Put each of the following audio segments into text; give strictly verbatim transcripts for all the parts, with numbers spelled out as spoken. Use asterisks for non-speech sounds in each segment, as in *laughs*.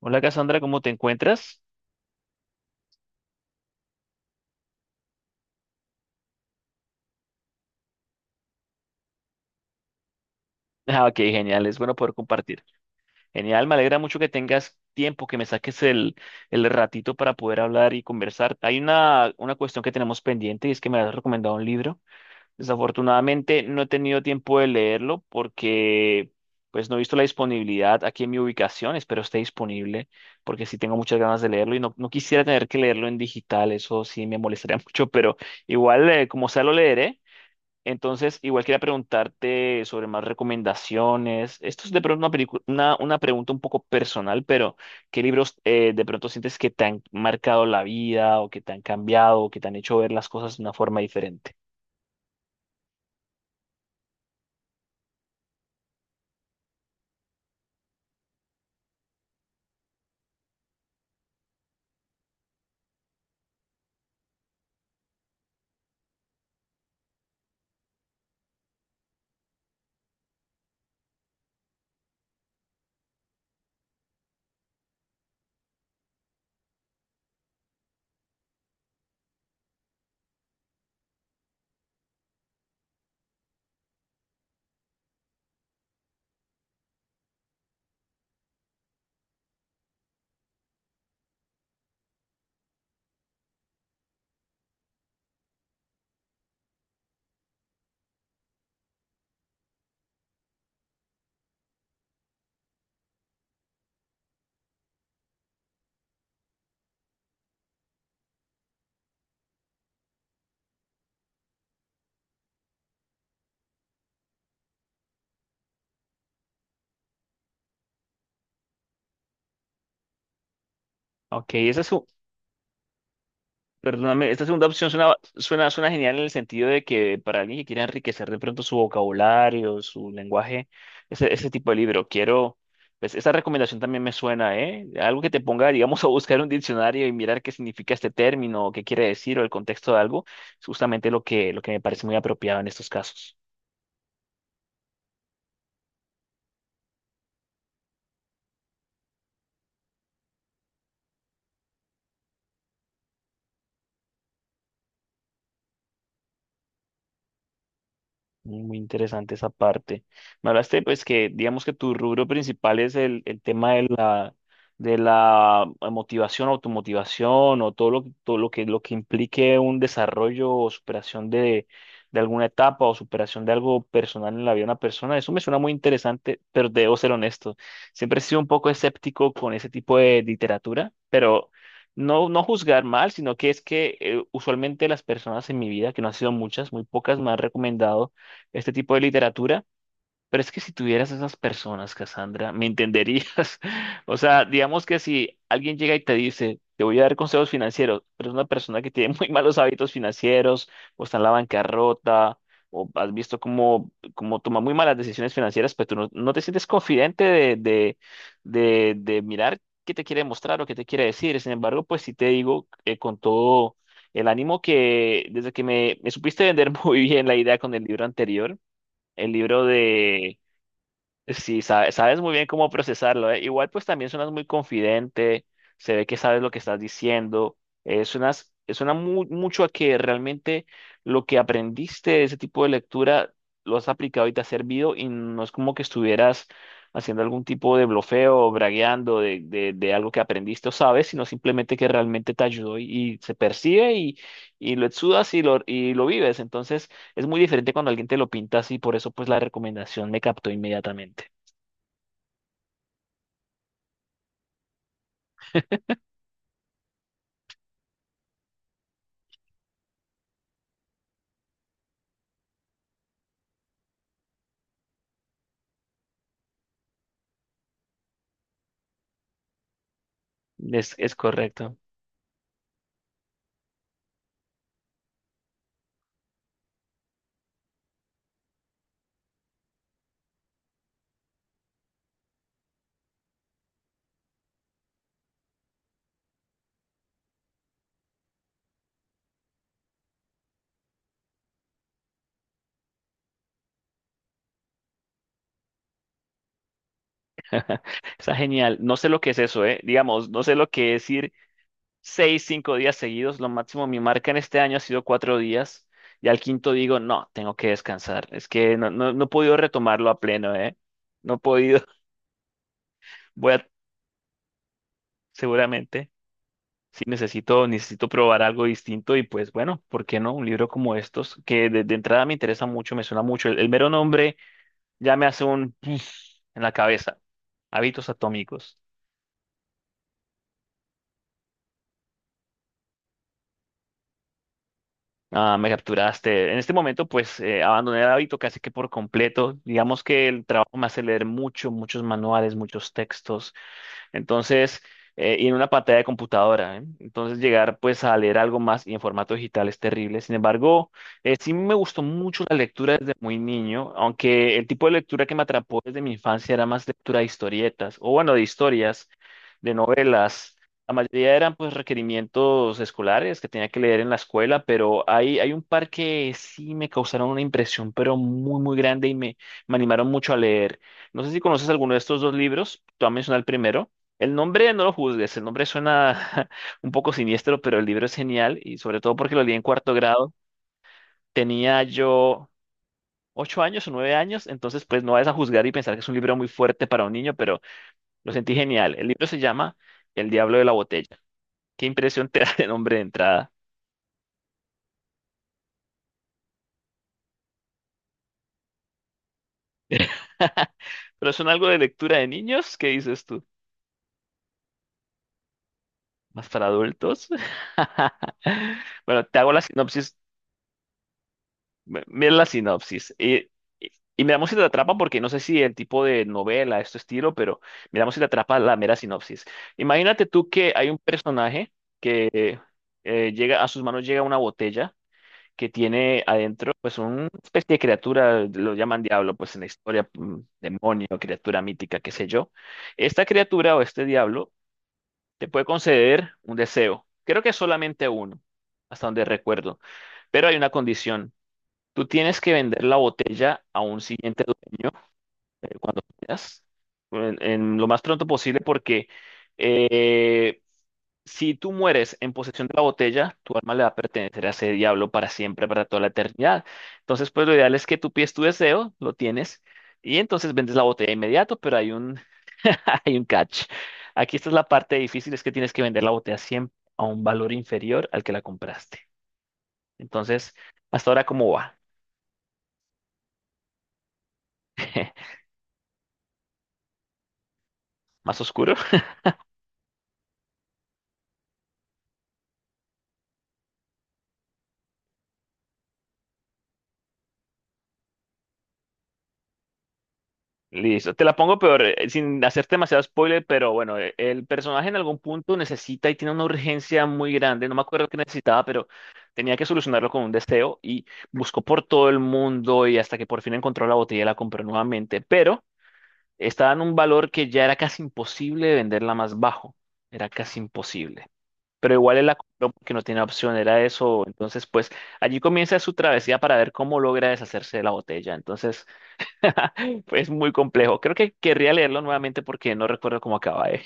Hola Cassandra, ¿cómo te encuentras? *laughs* Ah, ok, genial, es bueno poder compartir. Genial, me alegra mucho que tengas tiempo, que me saques el, el ratito para poder hablar y conversar. Hay una, una cuestión que tenemos pendiente y es que me has recomendado un libro. Desafortunadamente no he tenido tiempo de leerlo porque pues no he visto la disponibilidad aquí en mi ubicación, espero esté disponible porque sí tengo muchas ganas de leerlo y no, no quisiera tener que leerlo en digital, eso sí me molestaría *laughs* mucho, pero igual eh, como sea lo leeré. Entonces, igual quería preguntarte sobre más recomendaciones. Esto es de pronto una, pelicu- una, una pregunta un poco personal, pero ¿qué libros eh, de pronto sientes que te han marcado la vida o que te han cambiado o que te han hecho ver las cosas de una forma diferente? Ok, esa es. Perdóname, esta segunda opción suena, suena, suena genial en el sentido de que para alguien que quiera enriquecer de pronto su vocabulario, su lenguaje, ese, ese tipo de libro, quiero, pues esa recomendación también me suena, ¿eh? Algo que te ponga, digamos, *laughs* a buscar un diccionario y mirar qué significa este término, o qué quiere decir o el contexto de algo, es justamente lo que, lo que me parece muy apropiado en estos casos. Muy interesante esa parte. Me hablaste, pues, que digamos que tu rubro principal es el, el tema de la, de la eh, motivación, automotivación o todo lo, todo lo que, lo que implique un desarrollo o superación de, de alguna etapa o superación de algo personal en la vida de una persona. Eso me suena muy interesante, pero debo ser honesto. Siempre he sido un poco escéptico con ese tipo de literatura, pero no, no juzgar mal, sino que es que eh, usualmente las personas en mi vida, que no han sido muchas, muy pocas, me han recomendado este tipo de literatura, pero es que si tuvieras esas personas, Cassandra, me entenderías. *laughs* O sea, digamos que si alguien llega y te dice, te voy a dar consejos financieros, pero es una persona que tiene *laughs* muy malos hábitos financieros, o está en la bancarrota, o has visto cómo, cómo toma muy malas decisiones financieras, pero tú no, no te sientes confidente de, de, de, de mirar qué te quiere mostrar o qué te quiere decir. Sin embargo, pues sí te digo eh, con todo el ánimo que desde que me, me supiste vender *laughs* muy bien la idea con el libro anterior, el libro de... Sí, sa- sabes muy bien cómo procesarlo, ¿eh? Igual pues también suenas muy confidente, se ve que sabes lo que estás diciendo, eh, suenas, eh, suena mu- mucho a que realmente lo que aprendiste de ese tipo de lectura lo has aplicado y te ha servido y no es como que estuvieras haciendo algún tipo de blofeo o bragueando de, de, de algo que aprendiste o sabes, sino simplemente que realmente te ayudó y, y se percibe y, y lo exudas y lo, y lo vives. Entonces... Es muy diferente cuando alguien te lo pinta así, por eso pues la recomendación me captó inmediatamente. Es, es correcto. *laughs* Está genial. No sé lo que es eso, ¿eh? Digamos, no sé lo que es ir seis, cinco días seguidos. Lo máximo, mi marca en este año ha sido cuatro días. Y al quinto digo, no, tengo que descansar. Es que no, no, no he podido retomarlo a pleno, ¿eh? No he podido. *laughs* Voy a, seguramente, sí necesito, necesito probar algo distinto. Y pues bueno, ¿por qué no? Un libro como estos, que de, de entrada me interesa mucho, me suena mucho. el el mero nombre. Ya me hace un *laughs* en la cabeza. Hábitos atómicos. Ah, me capturaste. En este momento, pues, eh, abandoné el hábito casi que por completo. Digamos que el trabajo me hace leer mucho, muchos manuales, muchos textos. Entonces, eh, y en una pantalla de computadora, ¿eh? Entonces, llegar pues a leer algo más y en formato digital es terrible. Sin embargo, eh, sí me gustó mucho la lectura desde muy niño, aunque el tipo de lectura que me atrapó desde mi infancia era más lectura de historietas, o bueno, de historias, de novelas. La mayoría eran pues requerimientos escolares que tenía que leer en la escuela, pero hay, hay un par que sí me causaron una impresión, pero muy, muy grande y me, me animaron mucho a leer. No sé si conoces alguno de estos dos libros, tú has mencionado el primero. El nombre no lo juzgues, el nombre suena *laughs* un poco siniestro, pero el libro es genial y sobre todo porque lo leí en cuarto grado. Tenía yo ocho años o nueve años, entonces pues no vayas a juzgar y pensar que es un libro muy fuerte para un niño, pero lo sentí genial. El libro se llama El Diablo de la Botella. ¿Qué impresión te *laughs* da el nombre de entrada? *laughs* ¿Pero son algo de lectura de niños? ¿Qué dices tú? ¿Más para adultos? *laughs* Bueno, te hago la sinopsis. m- Mira la sinopsis. Y, y, y miramos si te atrapa, porque no sé si el tipo de novela, este estilo, pero miramos si te atrapa la mera sinopsis. Imagínate tú que hay un personaje que eh, llega, a sus manos llega una botella que tiene adentro pues una especie de criatura, lo llaman diablo pues en la historia, mm, demonio, criatura mítica, qué sé yo. Esta criatura o este diablo te puede conceder un deseo, creo que solamente uno, hasta donde recuerdo, pero hay una condición. Tú tienes que vender la botella a un siguiente dueño eh, cuando puedas, en, en lo más pronto posible porque... eh, si tú mueres en posesión de la botella, tu alma le va a pertenecer a ese diablo para siempre, para toda la eternidad. Entonces, pues lo ideal es que tú pides tu deseo, lo tienes, y entonces vendes la botella de inmediato, pero hay un, *laughs* hay un catch. Aquí esta es la parte difícil, es que tienes que vender la botella siempre a un valor inferior al que la compraste. Entonces, hasta ahora, ¿cómo va? *laughs* ¿Más oscuro? Listo, te la pongo peor, eh, sin hacerte demasiado spoiler, pero bueno, eh, el personaje en algún punto necesita y tiene una urgencia muy grande, no me acuerdo qué necesitaba, pero tenía que solucionarlo con un deseo y buscó por todo el mundo y hasta que por fin encontró la botella y la compró nuevamente, pero estaba en un valor que ya era casi imposible de venderla más bajo, era casi imposible, pero igual él la compró porque no tenía opción, era eso, entonces pues allí comienza su travesía para ver cómo logra deshacerse de la botella, entonces... *laughs* Es muy complejo. Creo que querría leerlo nuevamente porque no recuerdo cómo acaba, ¿eh?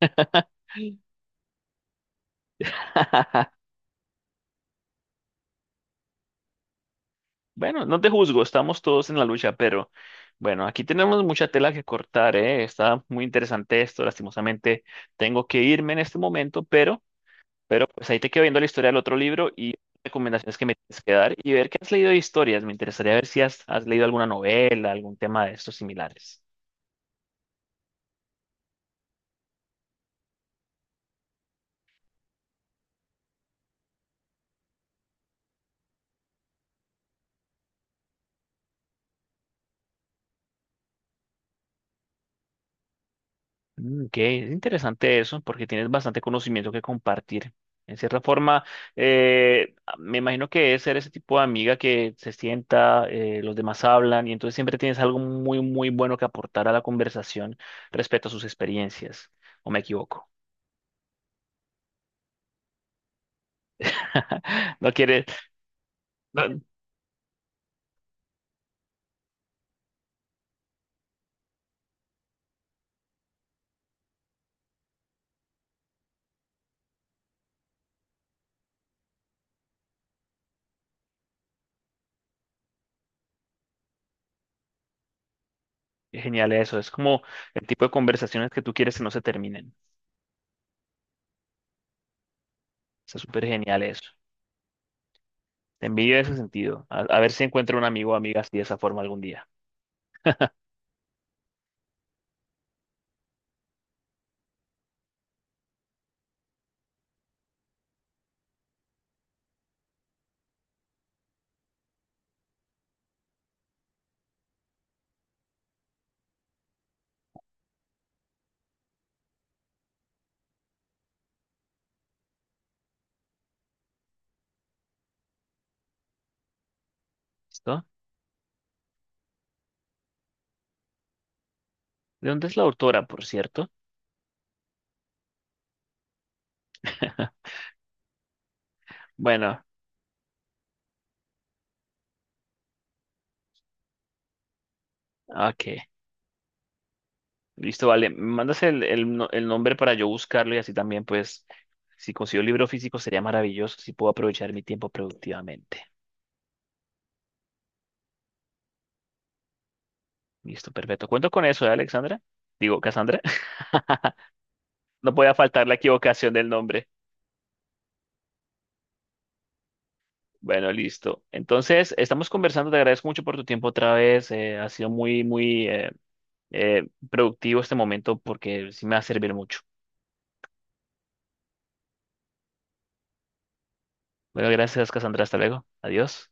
*laughs* Bueno, no te juzgo, estamos todos en la lucha, pero bueno, aquí tenemos mucha tela que cortar, ¿eh? Está muy interesante esto, lastimosamente tengo que irme en este momento, pero, pero pues ahí te quedo viendo la historia del otro libro y recomendaciones que me tienes que dar y ver qué has leído de historias. Me interesaría ver si has, has leído alguna novela, algún tema de estos similares. Mm, ok, es interesante eso porque tienes bastante conocimiento que compartir. En cierta forma, eh, me imagino que es ser ese tipo de amiga que se sienta, eh, los demás hablan y entonces siempre tienes algo muy, muy bueno que aportar a la conversación respecto a sus experiencias. ¿O me equivoco? *laughs* No quieres... no- Genial eso. Es como el tipo de conversaciones que tú quieres que no se terminen. Está súper genial eso. Te envidio en ese sentido. A, a ver si encuentro un amigo o amiga así de esa forma algún día. ¿Listo? ¿De dónde es la autora, por cierto? *laughs* Bueno, ok. Listo, vale. ¿Me mandas el, el, no- el nombre para yo buscarlo y así también, pues, si consigo el libro físico sería maravilloso si puedo aprovechar mi tiempo productivamente. Listo, perfecto. Cuento con eso, ¿eh, Alexandra? Digo, Cassandra. *laughs* No podía faltar la equivocación del nombre. Bueno, listo. Entonces, estamos conversando. Te agradezco mucho por tu tiempo otra vez. eh, ha sido muy, muy eh, eh, productivo este momento porque sí me va a servir mucho. Bueno, gracias, Cassandra. Hasta luego. Adiós.